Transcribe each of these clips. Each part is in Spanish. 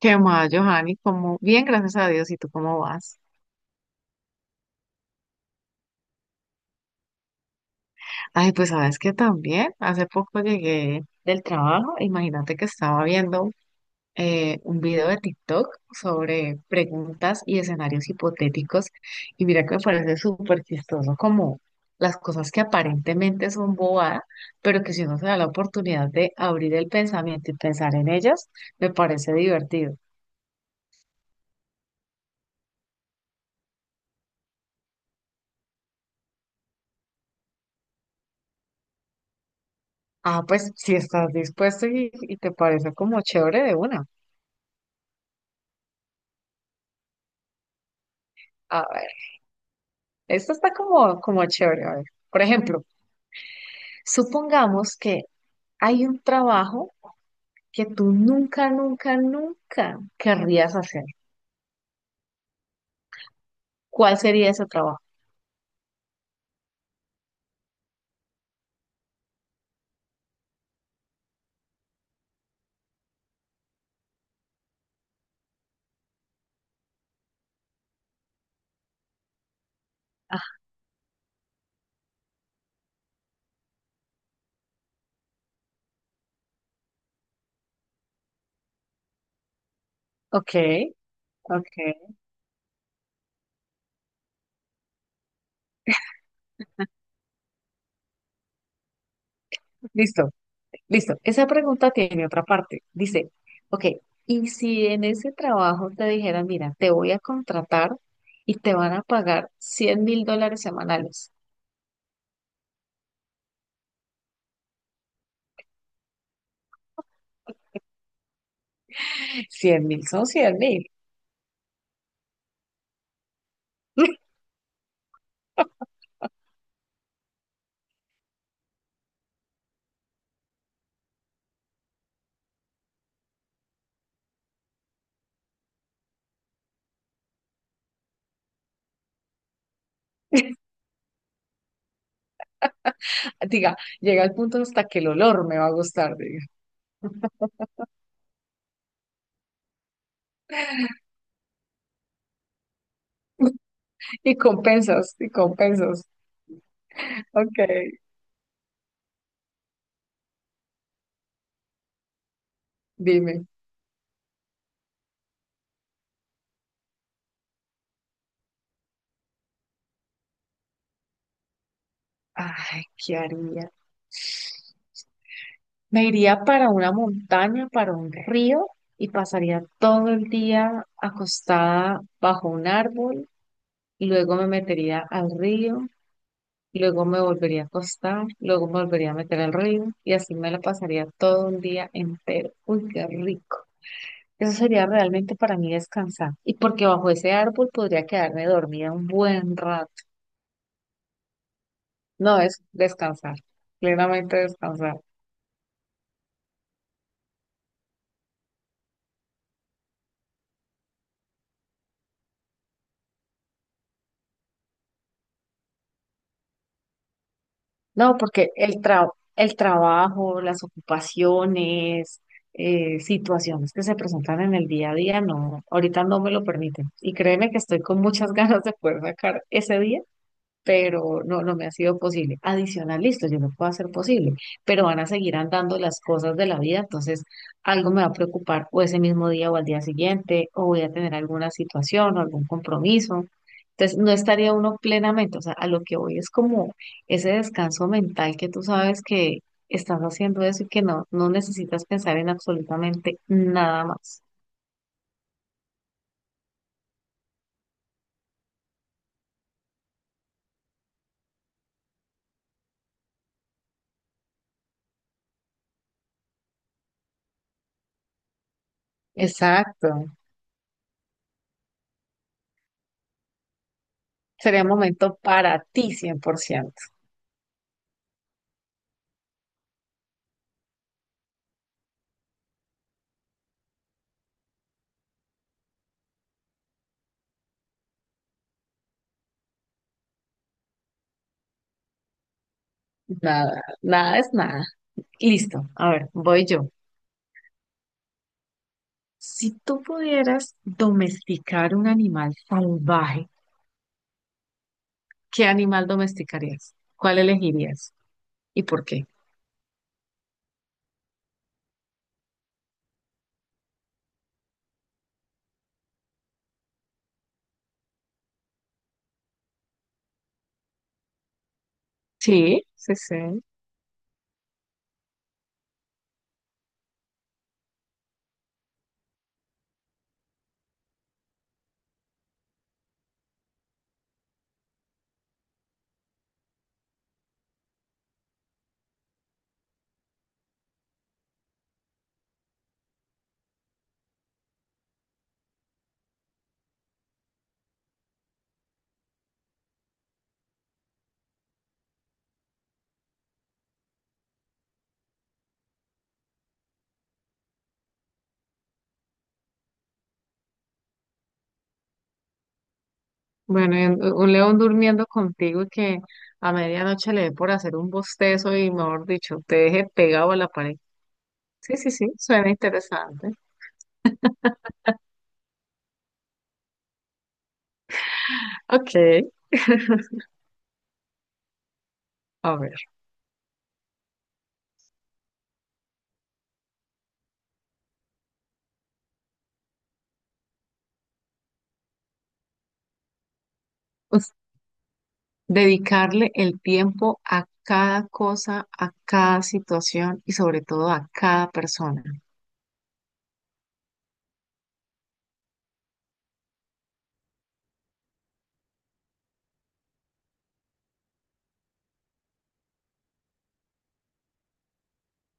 ¿Qué más, Johanny? Cómo bien, gracias a Dios. ¿Y tú cómo vas? Ay, pues sabes que también hace poco llegué del trabajo. Imagínate que estaba viendo un video de TikTok sobre preguntas y escenarios hipotéticos. Y mira que me parece súper chistoso como las cosas que aparentemente son bobadas, pero que si uno se da la oportunidad de abrir el pensamiento y pensar en ellas, me parece divertido. Ah, pues si estás dispuesto y te parece como chévere de una. ah, Esto está como chévere. A ver. Por ejemplo, supongamos que hay un trabajo que tú nunca, nunca, nunca querrías hacer. ¿Cuál sería ese trabajo? Ah, ok, ok. Listo, listo. Esa pregunta tiene otra parte. Dice, ok, ¿y si en ese trabajo te dijeran, mira, te voy a contratar y te van a pagar $100.000 semanales? 100.000 son 100.000. Diga, llega el punto hasta que el olor me va a gustar. Y con pesos, y con pesos. Ok, dime. Ay, ¿qué haría? Me iría para una montaña, para un río, y pasaría todo el día acostada bajo un árbol. Luego me metería al río, luego me volvería a acostar, luego me volvería a meter al río, y así me la pasaría todo un día entero. Uy, qué rico. Eso sería realmente para mí descansar. Y porque bajo ese árbol podría quedarme dormida un buen rato. No, es descansar, plenamente descansar. No, porque el trabajo, las ocupaciones, situaciones que se presentan en el día a día, no, ahorita no me lo permiten. Y créeme que estoy con muchas ganas de poder sacar ese día, pero no, no me ha sido posible. Adicional, listo, yo lo puedo hacer posible, pero van a seguir andando las cosas de la vida, entonces algo me va a preocupar o ese mismo día o al día siguiente, o voy a tener alguna situación o algún compromiso. Entonces, no estaría uno plenamente, o sea, a lo que voy es como ese descanso mental que tú sabes que estás haciendo eso y que no, no necesitas pensar en absolutamente nada más. Exacto. Sería un momento para ti 100%. Nada, nada es nada. Listo, a ver, voy yo. Si tú pudieras domesticar un animal salvaje, ¿qué animal domesticarías? ¿Cuál elegirías? ¿Y por qué? Sí, sí, sí. Bueno, y un león durmiendo contigo y que a medianoche le dé por hacer un bostezo y, mejor dicho, te deje pegado a la pared. Sí, sí, sí, suena interesante. Ok, a ver. Us- Dedicarle el tiempo a cada cosa, a cada situación y sobre todo a cada persona.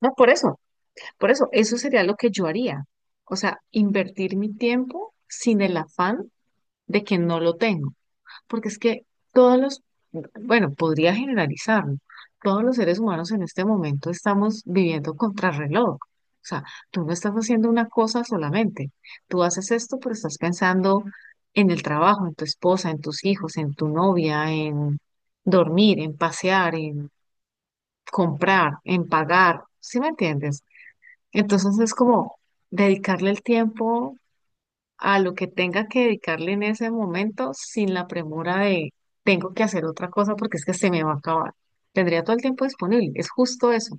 No, por eso, eso sería lo que yo haría. O sea, invertir mi tiempo sin el afán de que no lo tengo. Porque es que todos los, bueno, podría generalizarlo, todos los seres humanos en este momento estamos viviendo contrarreloj. O sea, tú no estás haciendo una cosa solamente. Tú haces esto, pero estás pensando en el trabajo, en tu esposa, en tus hijos, en tu novia, en dormir, en pasear, en comprar, en pagar. ¿Sí me entiendes? Entonces es como dedicarle el tiempo a lo que tenga que dedicarle en ese momento sin la premura de tengo que hacer otra cosa porque es que se me va a acabar. Tendría todo el tiempo disponible, es justo eso.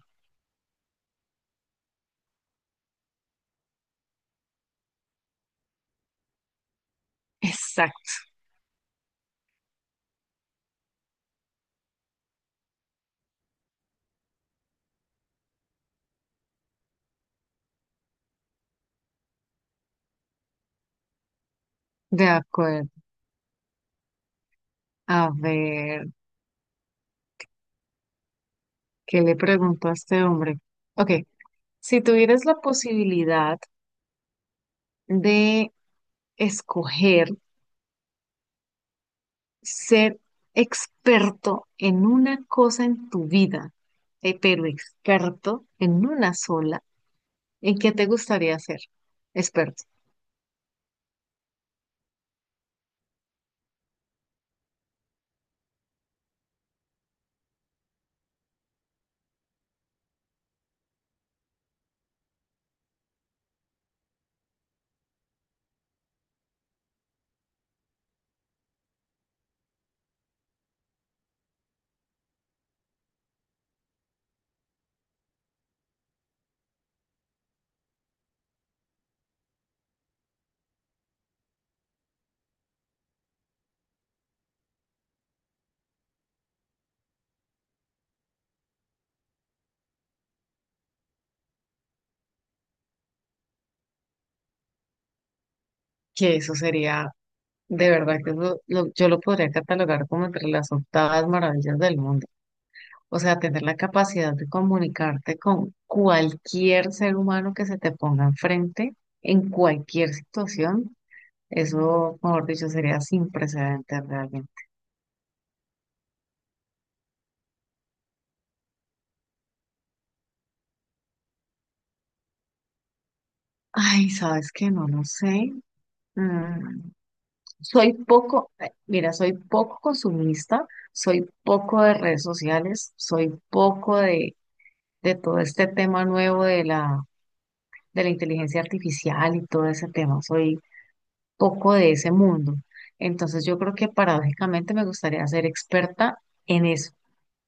Exacto, de acuerdo. A ver, ¿qué le pregunto a este hombre? Ok, si tuvieras la posibilidad de escoger ser experto en una cosa en tu vida, pero experto en una sola, ¿en qué te gustaría ser experto? Que eso sería. De verdad que eso yo lo podría catalogar como entre las octavas maravillas del mundo. O sea, tener la capacidad de comunicarte con cualquier ser humano que se te ponga enfrente en cualquier situación, eso, mejor dicho, sería sin precedentes realmente. Ay, ¿sabes que no lo sé? Mm, soy poco, mira, soy poco consumista, soy poco de redes sociales, soy poco de todo este tema nuevo de la inteligencia artificial y todo ese tema. Soy poco de ese mundo. Entonces yo creo que paradójicamente me gustaría ser experta en eso,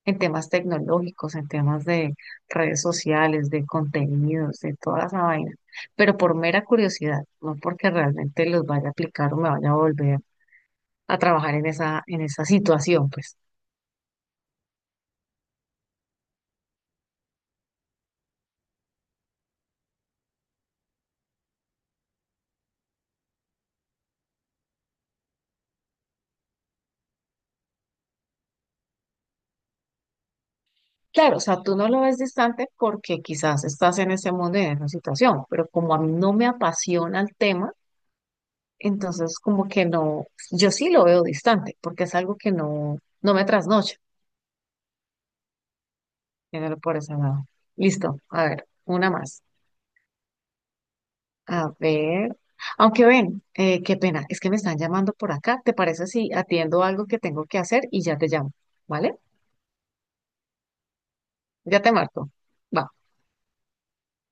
en temas tecnológicos, en temas de redes sociales, de contenidos, de toda esa vaina. Pero por mera curiosidad, no porque realmente los vaya a aplicar o me vaya a volver a trabajar en esa situación, pues. Claro, o sea, tú no lo ves distante porque quizás estás en ese mundo y en esa situación, pero como a mí no me apasiona el tema, entonces, como que no, yo sí lo veo distante, porque es algo que no, no me trasnocha, tenerlo por ese lado. Listo, a ver, una más. A ver, aunque ven, qué pena, es que me están llamando por acá. ¿Te parece si atiendo algo que tengo que hacer y ya te llamo? ¿Vale? Ya te marco. Va.